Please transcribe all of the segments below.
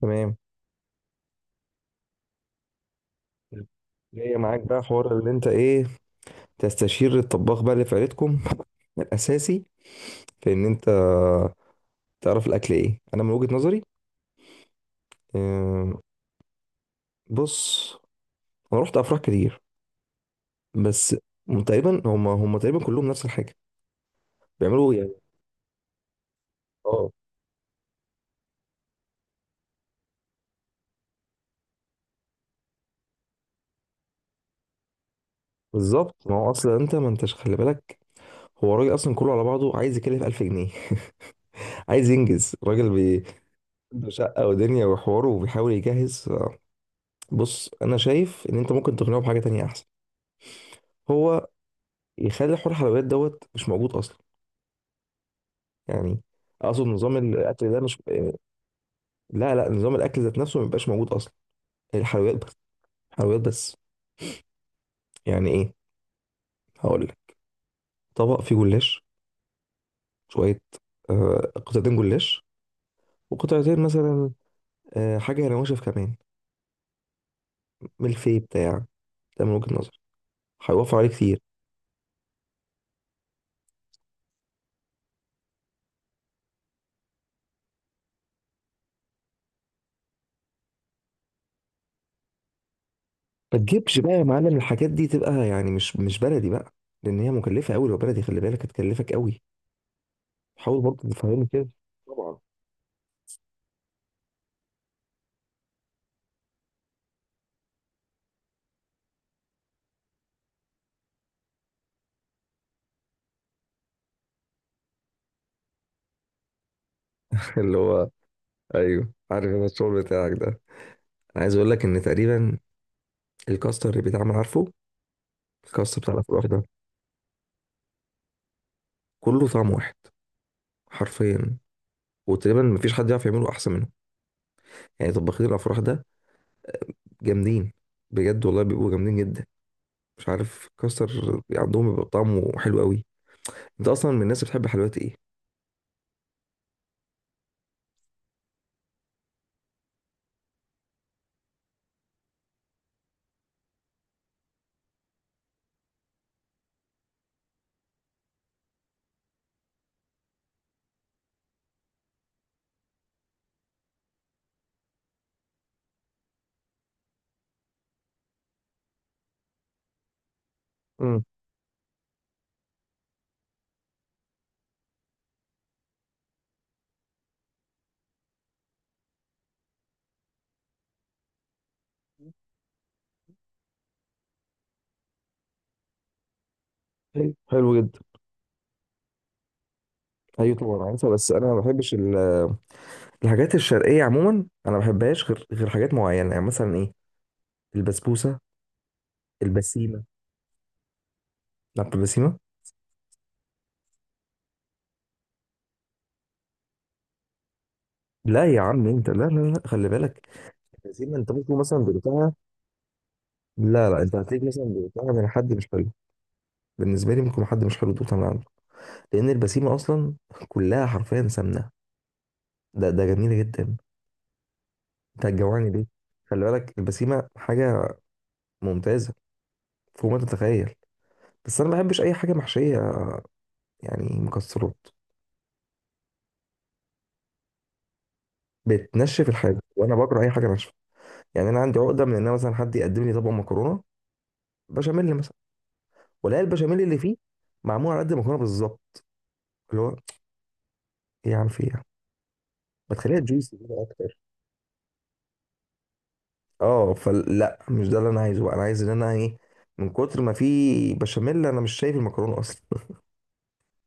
تمام. جاية معاك بقى حوار اللي انت ايه، تستشير الطباخ بقى اللي في عيلتكم الاساسي في ان انت تعرف الاكل ايه. انا من وجهة نظري، آم، بص، انا رحت افراح كتير، بس تقريبا هم تقريبا كلهم نفس الحاجه بيعملوا يعني. اه بالظبط، ما هو اصلا انت ما انتش خلي بالك، هو الراجل اصلا كله على بعضه عايز يكلف 1000 جنيه. عايز ينجز الراجل عنده شقه ودنيا وحواره وبيحاول يجهز. بص، انا شايف ان انت ممكن تقنعه بحاجه تانية احسن. هو يخلي حوار الحلويات دوت مش موجود اصلا يعني. اقصد نظام الاكل ده مش لا لا، نظام الاكل ذات نفسه ما بيبقاش موجود اصلا، هي الحلويات بس. حلويات بس، يعني ايه؟ هقول لك طبق فيه جلاش، شويه، قطعتين جلاش، وقطعتين مثلا حاجه نواشف كمان، ملفي بتاع. ده من وجهه نظر هيوفر عليه كتير. ما تجيبش بقى يا معلم الحاجات دي، تبقى يعني مش بلدي بقى، لان هي مكلفه قوي. لو بلدي خلي بالك هتكلفك قوي. حاول برضه تفهمني كده، طبعا. اللي هو ايوه، عارف انا الشغل بتاعك ده. انا عايز اقول لك ان تقريبا الكاستر اللي بيتعمل، عارفه؟ الكاستر بتاع الافراح ده كله طعم واحد حرفيا، وتقريبا مفيش حد يعرف يعمله احسن منه. يعني طباخين الافراح ده جامدين، بجد والله بيبقوا جامدين جدا. مش عارف الكاستر عندهم بيبقى طعمه حلو قوي. انت اصلا من الناس اللي بتحب حلويات ايه؟ امم حلو، حلو جدا. ايوه طبعا عارفها، بس انا ما بحبش الحاجات الشرقيه عموما، انا ما بحبهاش غير حاجات معينه يعني، مثلا ايه، البسبوسه، البسيمه. عارف البسيمه؟ لا يا عم انت، لا لا لا، خلي بالك، الهزيمه انت ممكن مثلا دقتها، لا لا، انت هتلاقيك مثلا دقتها من حد مش حلو. بالنسبه لي ممكن حد مش حلو دقتها من عنده، لان البسيمه اصلا كلها حرفيا سمنه. ده جميله جدا. انت هتجوعني ليه؟ خلي بالك البسيمه حاجه ممتازه فوق ما تتخيل. بس انا ما بحبش اي حاجه محشيه، يعني مكسرات، بتنشف الحاجه وانا بكره اي حاجه ناشفه. يعني انا عندي عقده من ان أنا مثلا حد يقدم لي طبق مكرونه بشاميل مثلا، ولا البشاميل اللي فيه معمول على قد المكرونه بالظبط، اللي هو ايه عن في إيه؟ ما تخليها جوسي كده اكتر. اه فلا، مش ده اللي انا عايزه بقى، انا عايز ان انا ايه، من كتر ما في بشاميل انا مش شايف المكرونه اصلا.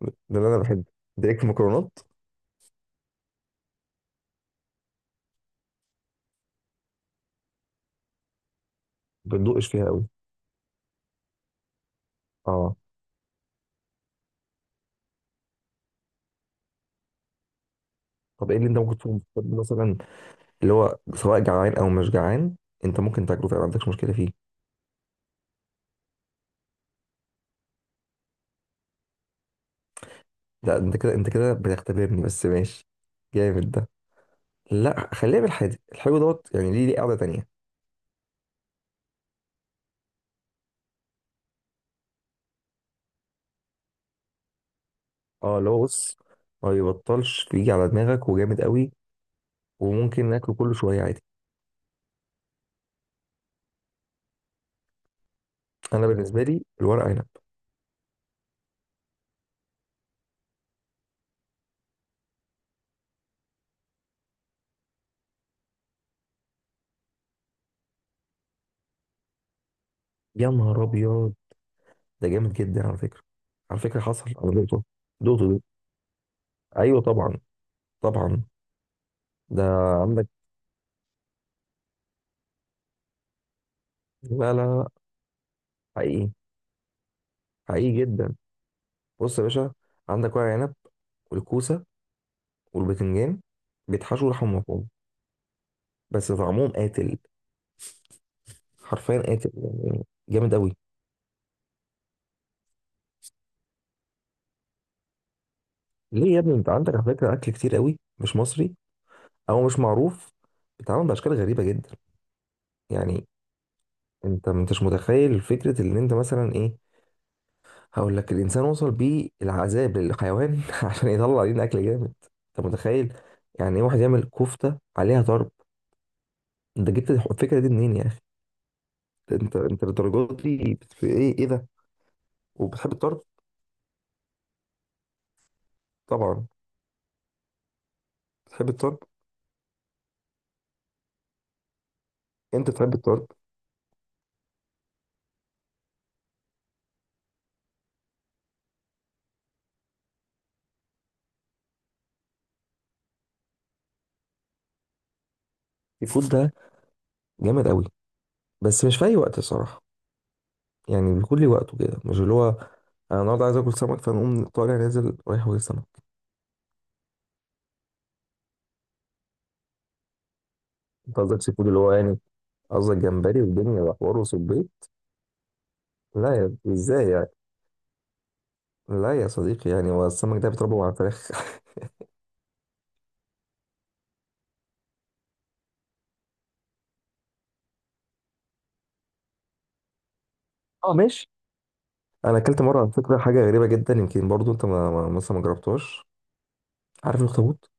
ده اللي انا بحب، دايركت المكرونات. ما بندقش فيها قوي، اه. طب ايه اللي انت ممكن تكون بتحب مثلا، اللي هو سواء جعان او مش جعان انت ممكن تاكله فعلا ما عندكش مشكله فيه؟ لا انت كده، انت كده بتختبرني، بس ماشي، جامد ده. لا خليها بالحادق، الحلو دوت يعني ليه، ليه قاعده تانيه. اه اللي هو بص، ما يبطلش بيجي على دماغك وجامد قوي، وممكن ناكله كل شويه عادي. انا بالنسبه لي الورق عنب. يا نهار ابيض، ده جامد جدا على فكره. على فكره حصل انا دقته، دقته ده. ايوه طبعا، طبعا. ده عندك، لا لا لا، حقيقي، حقيقي جدا. بص يا باشا، عندك ورق عنب والكوسه والبتنجان بيتحشوا لحم مفروم، بس طعمهم قاتل، حرفيا قاتل، يعني جامد قوي. ليه يا ابني، انت عندك على فكره اكل كتير قوي مش مصري او مش معروف، بيتعمل باشكال غريبه جدا يعني. انت ما انتش متخيل فكره ان انت مثلا ايه، هقول لك، الانسان وصل بيه العذاب للحيوان عشان يطلع لنا اكل جامد. انت متخيل يعني ايه واحد يعمل كفته عليها طرب؟ انت جبت الفكره دي منين يا اخي؟ انت، انت للدرجه دي في ايه، ايه ده؟ وبتحب الطرب، طبعا، بتحب الطرب، انت بتحب الطرب. الفود ده جامد قوي، بس مش في اي وقت الصراحه. يعني بكل وقته كده مش اللي هو، انا النهارده عايز اكل سمك فنقوم طالع نازل رايح واكل سمك. انت قصدك سي فود اللي هو يعني، قصدك جمبري والدنيا وحوار وصبيط؟ لا يا ازاي يعني؟ لا يا صديقي يعني، هو السمك ده بيتربى على الفراخ. اه ماشي. انا اكلت مره على فكره حاجه غريبه جدا، يمكن برضو انت مثلا ما جربتهاش. عارف الاخطبوط؟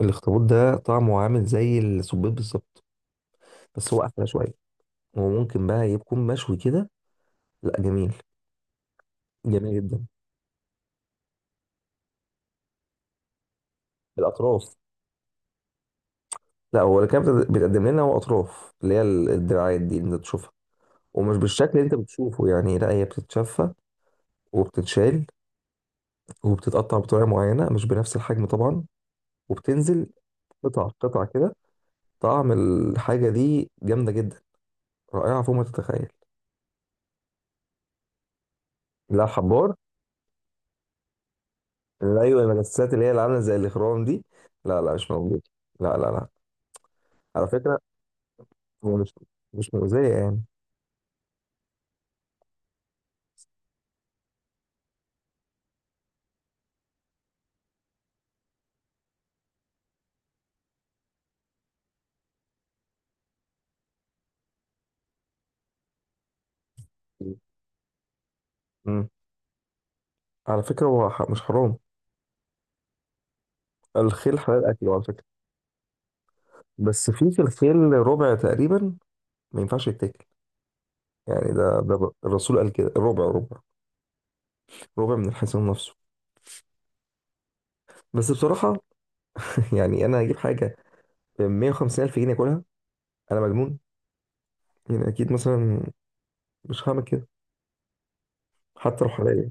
الاخطبوط ده طعمه عامل زي السبيط بالظبط، بس هو احلى شويه، وممكن بقى يكون مشوي كده. لا جميل، جميل جدا. بالاطراف، لا هو اللي كان بيتقدم لنا هو اطراف، اللي هي الدراعات دي اللي انت تشوفها. ومش بالشكل اللي انت بتشوفه يعني، لا هي بتتشفى وبتتشال وبتتقطع بطريقه معينه مش بنفس الحجم طبعا، وبتنزل قطع قطع كده. طعم الحاجة دي جامدة جدا، رائعة فوق ما تتخيل. لا حبار، لا أيوة، المجسات اللي هي اللي عاملة زي الإخرام دي، لا لا مش موجودة، لا لا لا. على فكرة هو مش مؤذية يعني. مم. على فكرة هو مش حرام، الخيل حلال أكله على فكرة. بس في في الخيل ربع تقريبا ما ينفعش يتاكل، يعني ده الرسول قال كده، ربع، ربع ربع من الحصان نفسه. بس بصراحة يعني أنا هجيب حاجة ب 150 ألف جنيه أكلها؟ أنا مجنون يعني؟ أكيد مثلا مش هعمل كده، حتى روحانيا.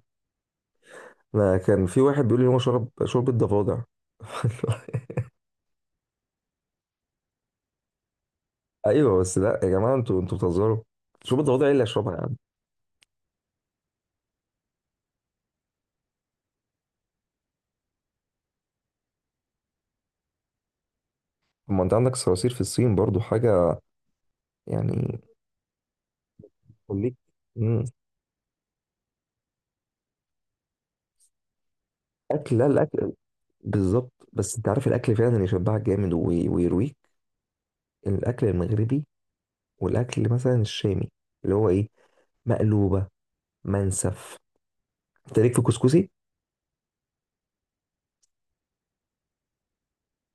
انا كان في واحد بيقول لي هو شرب شوربه ضفادع. ايوه بس لا يا جماعه، انتوا بتهزروا، شوربه ضفادع ايه اللي اشربها يا عم؟ طب ما انت عندك صراصير في الصين برضو حاجه يعني. خليك. امم اكل، لا الاكل بالظبط. بس انت عارف الاكل فعلا اللي يشبعك جامد ويرويك، الاكل المغربي، والاكل مثلا الشامي، اللي هو ايه، مقلوبه، منسف، انت ليك في كسكسي.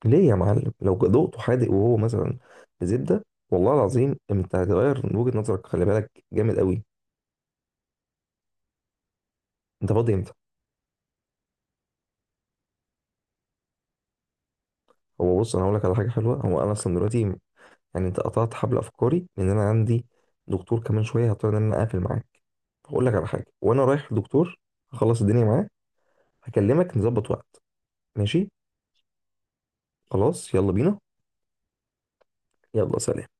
ليه يا معلم، لو ذوقته حادق وهو مثلا بزبده، والله العظيم انت هتغير من وجهه نظرك، خلي بالك جامد قوي. انت فاضي امتى؟ هو بص، انا هقول لك على حاجه حلوه، هو انا اصلا دلوقتي يعني، انت قطعت حبل افكاري، لان انا عندي دكتور كمان شويه، هضطر ان انا اقفل معاك. هقول لك على حاجه وانا رايح للدكتور، هخلص الدنيا معاه، هكلمك نظبط وقت. ماشي، خلاص يلا بينا. يلا سلام.